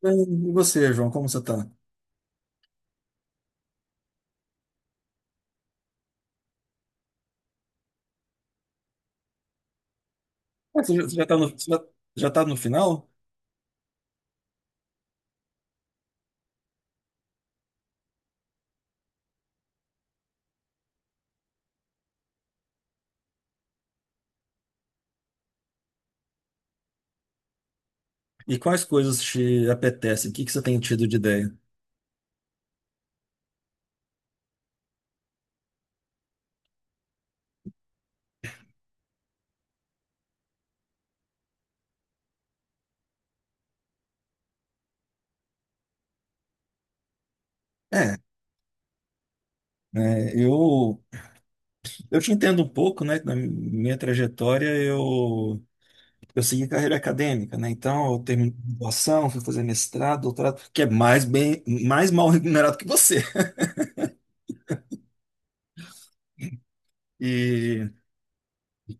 Bem. E você, João, como você tá? Ah, você já tá no, você já tá no final? E quais coisas te apetecem? O que que você tem tido de ideia? É, né, eu te entendo um pouco, né? que Na minha trajetória, eu segui carreira acadêmica, né? Então, eu terminei graduação, fui fazer mestrado, doutorado, que é mais bem, mais mal remunerado que você. E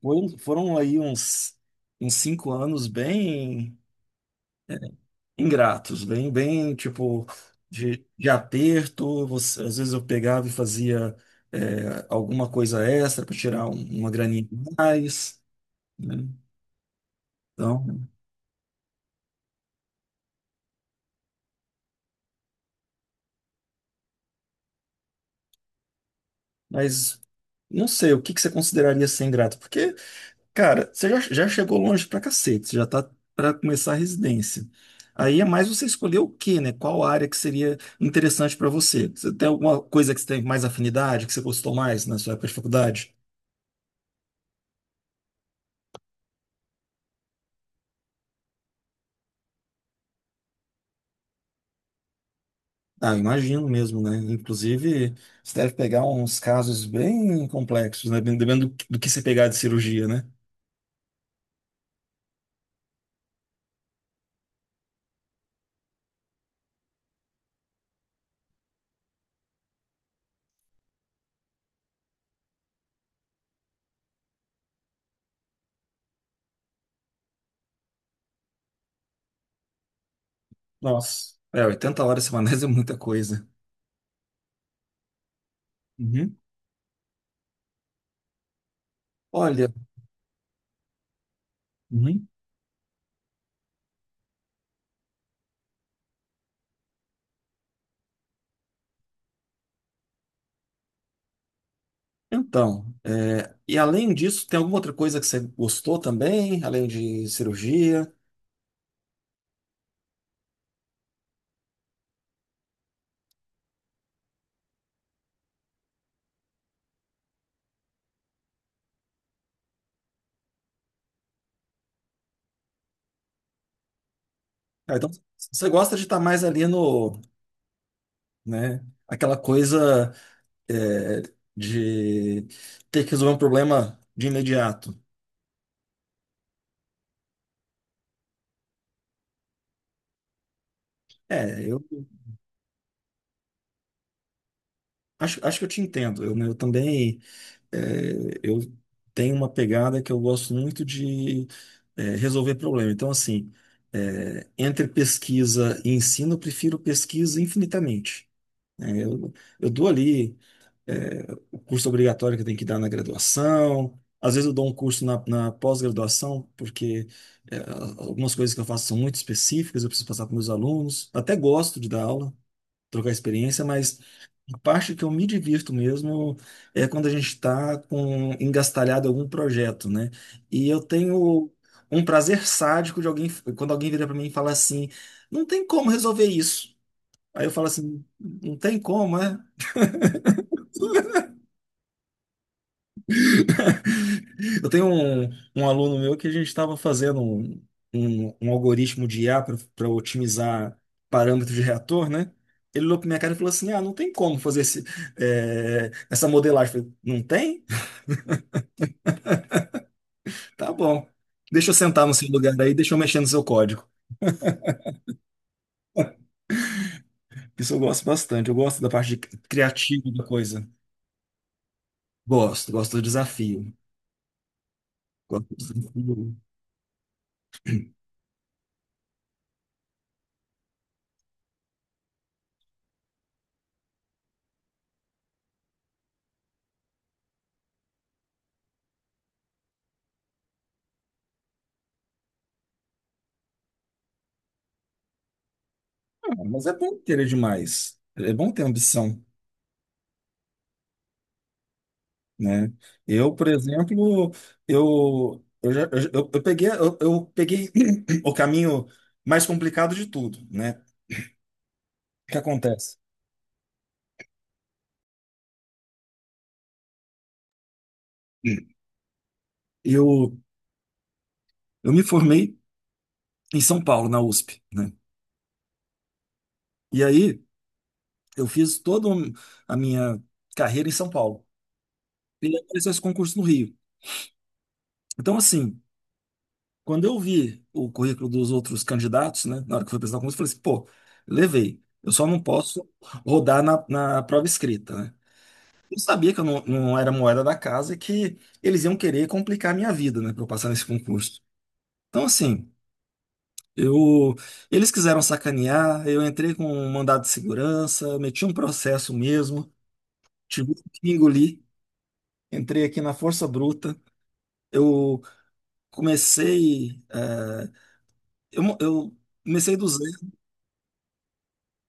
foram aí uns cinco anos bem ingratos, bem, bem tipo de aperto. Às vezes eu pegava e fazia alguma coisa extra para tirar uma graninha a mais, né? Então, mas não sei o que que você consideraria ser ingrato, porque, cara, já chegou longe pra cacete, você já tá para começar a residência. Aí é mais você escolher o quê, né? Qual área que seria interessante para você? Você tem alguma coisa que você tem mais afinidade, que você gostou mais na sua época de faculdade? Ah, imagino mesmo, né? Inclusive, você deve pegar uns casos bem complexos, né? Dependendo do que você pegar de cirurgia, né? Nossa, é, 80 horas semanais é muita coisa. Uhum. Olha, uhum. Então, é, e além disso, tem alguma outra coisa que você gostou também, além de cirurgia? Ah, então, você gosta de estar mais ali no, né? Aquela coisa, é, de ter que resolver um problema de imediato. É, eu. Acho, acho que eu te entendo. Eu também é, eu tenho uma pegada que eu gosto muito de é, resolver problema. Então, assim, é, entre pesquisa e ensino, eu prefiro pesquisa infinitamente. Né? Eu dou ali é, o curso obrigatório que eu tenho que dar na graduação. Às vezes eu dou um curso na pós-graduação, porque é, algumas coisas que eu faço são muito específicas, eu preciso passar para meus alunos. Até gosto de dar aula, trocar experiência, mas a parte que eu me divirto mesmo é quando a gente está com engastalhado em algum projeto, né? E eu tenho prazer sádico de alguém quando alguém vira para mim e fala assim: "Não tem como resolver isso". Aí eu falo assim: "Não tem como, é?" Eu tenho um aluno meu que a gente estava fazendo um algoritmo de IA para otimizar parâmetros de reator, né? Ele olhou para minha cara e falou assim: ah, não tem como fazer essa modelagem. Eu falei, não tem? Tá bom. Deixa eu sentar no seu lugar aí, deixa eu mexer no seu código. Isso eu gosto bastante. Eu gosto da parte de criativa da coisa. Gosto, gosto do desafio. Gosto do desafio. Ah, mas é bom querer demais. É bom ter ambição. Né? Eu, por exemplo, eu, já- eu peguei o caminho mais complicado de tudo, né? O que acontece? Eu, eu me formei em São Paulo, na USP, né? E aí eu fiz a minha carreira em São Paulo. E aí apareceu esse concurso no Rio. Então, assim, quando eu vi o currículo dos outros candidatos, né? Na hora que eu fui apresentar o concurso, eu falei assim, pô, levei. Eu só não posso rodar na prova escrita, né? Eu sabia que eu não, não era moeda da casa e que eles iam querer complicar a minha vida, né, para eu passar nesse concurso. Então, assim, eu, eles quiseram sacanear, eu entrei com um mandado de segurança, eu meti um processo mesmo, tive que engolir, entrei aqui na força bruta. Eu comecei, eh, eu, mo- eu comecei do zero.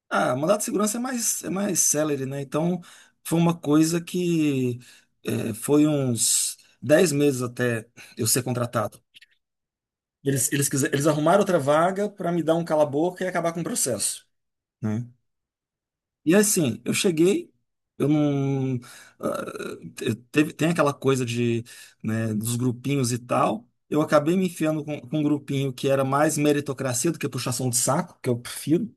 Ah, mandado de segurança é mais celery, né? Então, foi uma coisa que eh, foi uns 10 meses até eu ser contratado. Eles arrumaram outra vaga para me dar um cala-boca e acabar com o processo, né? E assim, eu cheguei, eu não. Ah, teve, tem aquela coisa de, né, dos grupinhos e tal. Eu acabei me enfiando com um grupinho que era mais meritocracia do que puxação de saco, que eu prefiro.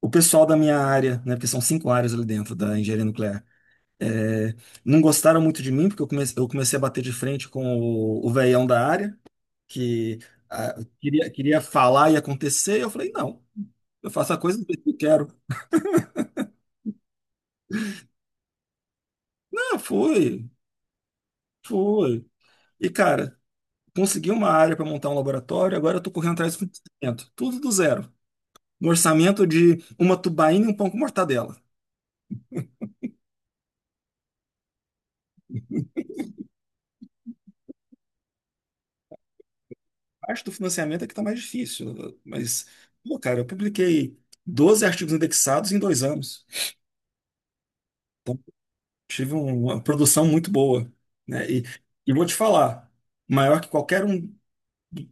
O pessoal da minha área, né, porque são 5 áreas ali dentro da engenharia nuclear, é, não gostaram muito de mim, porque eu comecei a bater de frente com o velhão da área. Que ah, queria falar e acontecer. E eu falei, não, eu faço a coisa do jeito que eu quero. Ah, foi, foi. E, cara, consegui uma área para montar um laboratório, agora eu tô correndo atrás do financiamento. Tudo do zero. No orçamento de uma tubaína e um pão com mortadela. A parte do financiamento é que tá mais difícil. Mas, pô, cara, eu publiquei 12 artigos indexados em 2 anos. Tive uma produção muito boa, né? E vou te falar, maior que qualquer um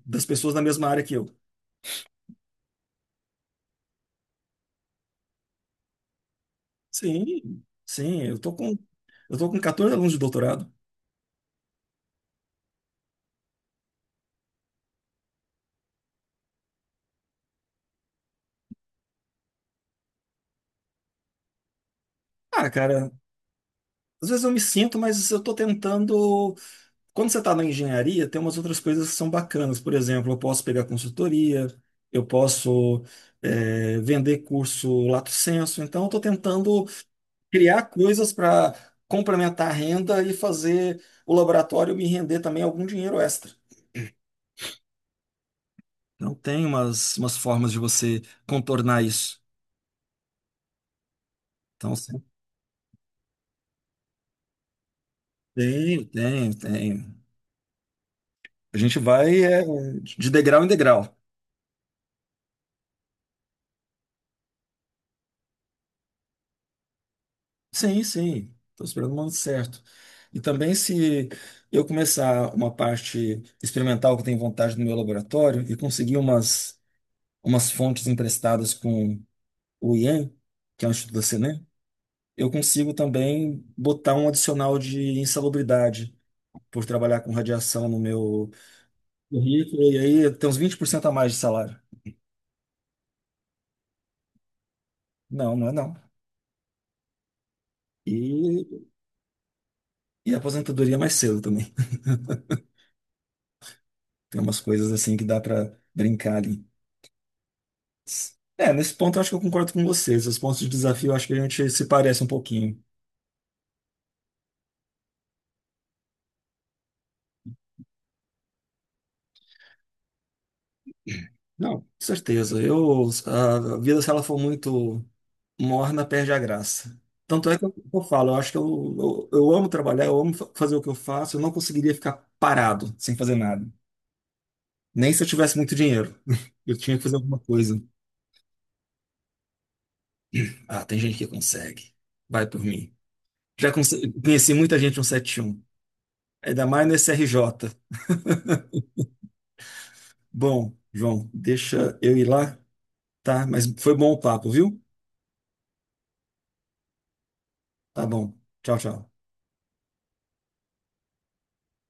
das pessoas da mesma área que eu. Sim, sim, eu tô com 14 alunos de doutorado. Ah, cara, às vezes eu me sinto, mas eu tô tentando. Quando você tá na engenharia, tem umas outras coisas que são bacanas. Por exemplo, eu posso pegar consultoria, eu posso é, vender curso lato sensu. Então, eu tô tentando criar coisas para complementar a renda e fazer o laboratório me render também algum dinheiro extra. Então, tem umas formas de você contornar isso. Então, sim, tem. A gente vai é, de degrau em degrau. Sim, sim. Estou esperando o momento certo. E também, se eu começar uma parte experimental que eu tenho vontade no meu laboratório e conseguir umas fontes emprestadas com o IEM, que é o Instituto da Senem, eu consigo também botar um adicional de insalubridade por trabalhar com radiação no meu currículo. E aí tem uns 20% a mais de salário. Não, não é não. E, e a aposentadoria é mais cedo também. Tem umas coisas assim que dá pra brincar ali. É, nesse ponto eu acho que eu concordo com vocês. Os pontos de desafio eu acho que a gente se parece um pouquinho. Não, com certeza. Eu, a vida, se ela for muito morna, perde a graça. Tanto é que eu falo, eu acho que eu amo trabalhar, eu amo fazer o que eu faço, eu não conseguiria ficar parado sem fazer nada. Nem se eu tivesse muito dinheiro. Eu tinha que fazer alguma coisa. Ah, tem gente que consegue. Vai por mim. Já conheci muita gente no 71. Ainda mais no SRJ. Bom, João, deixa eu ir lá, tá? Mas foi bom o papo, viu? Tá bom. Tchau, tchau.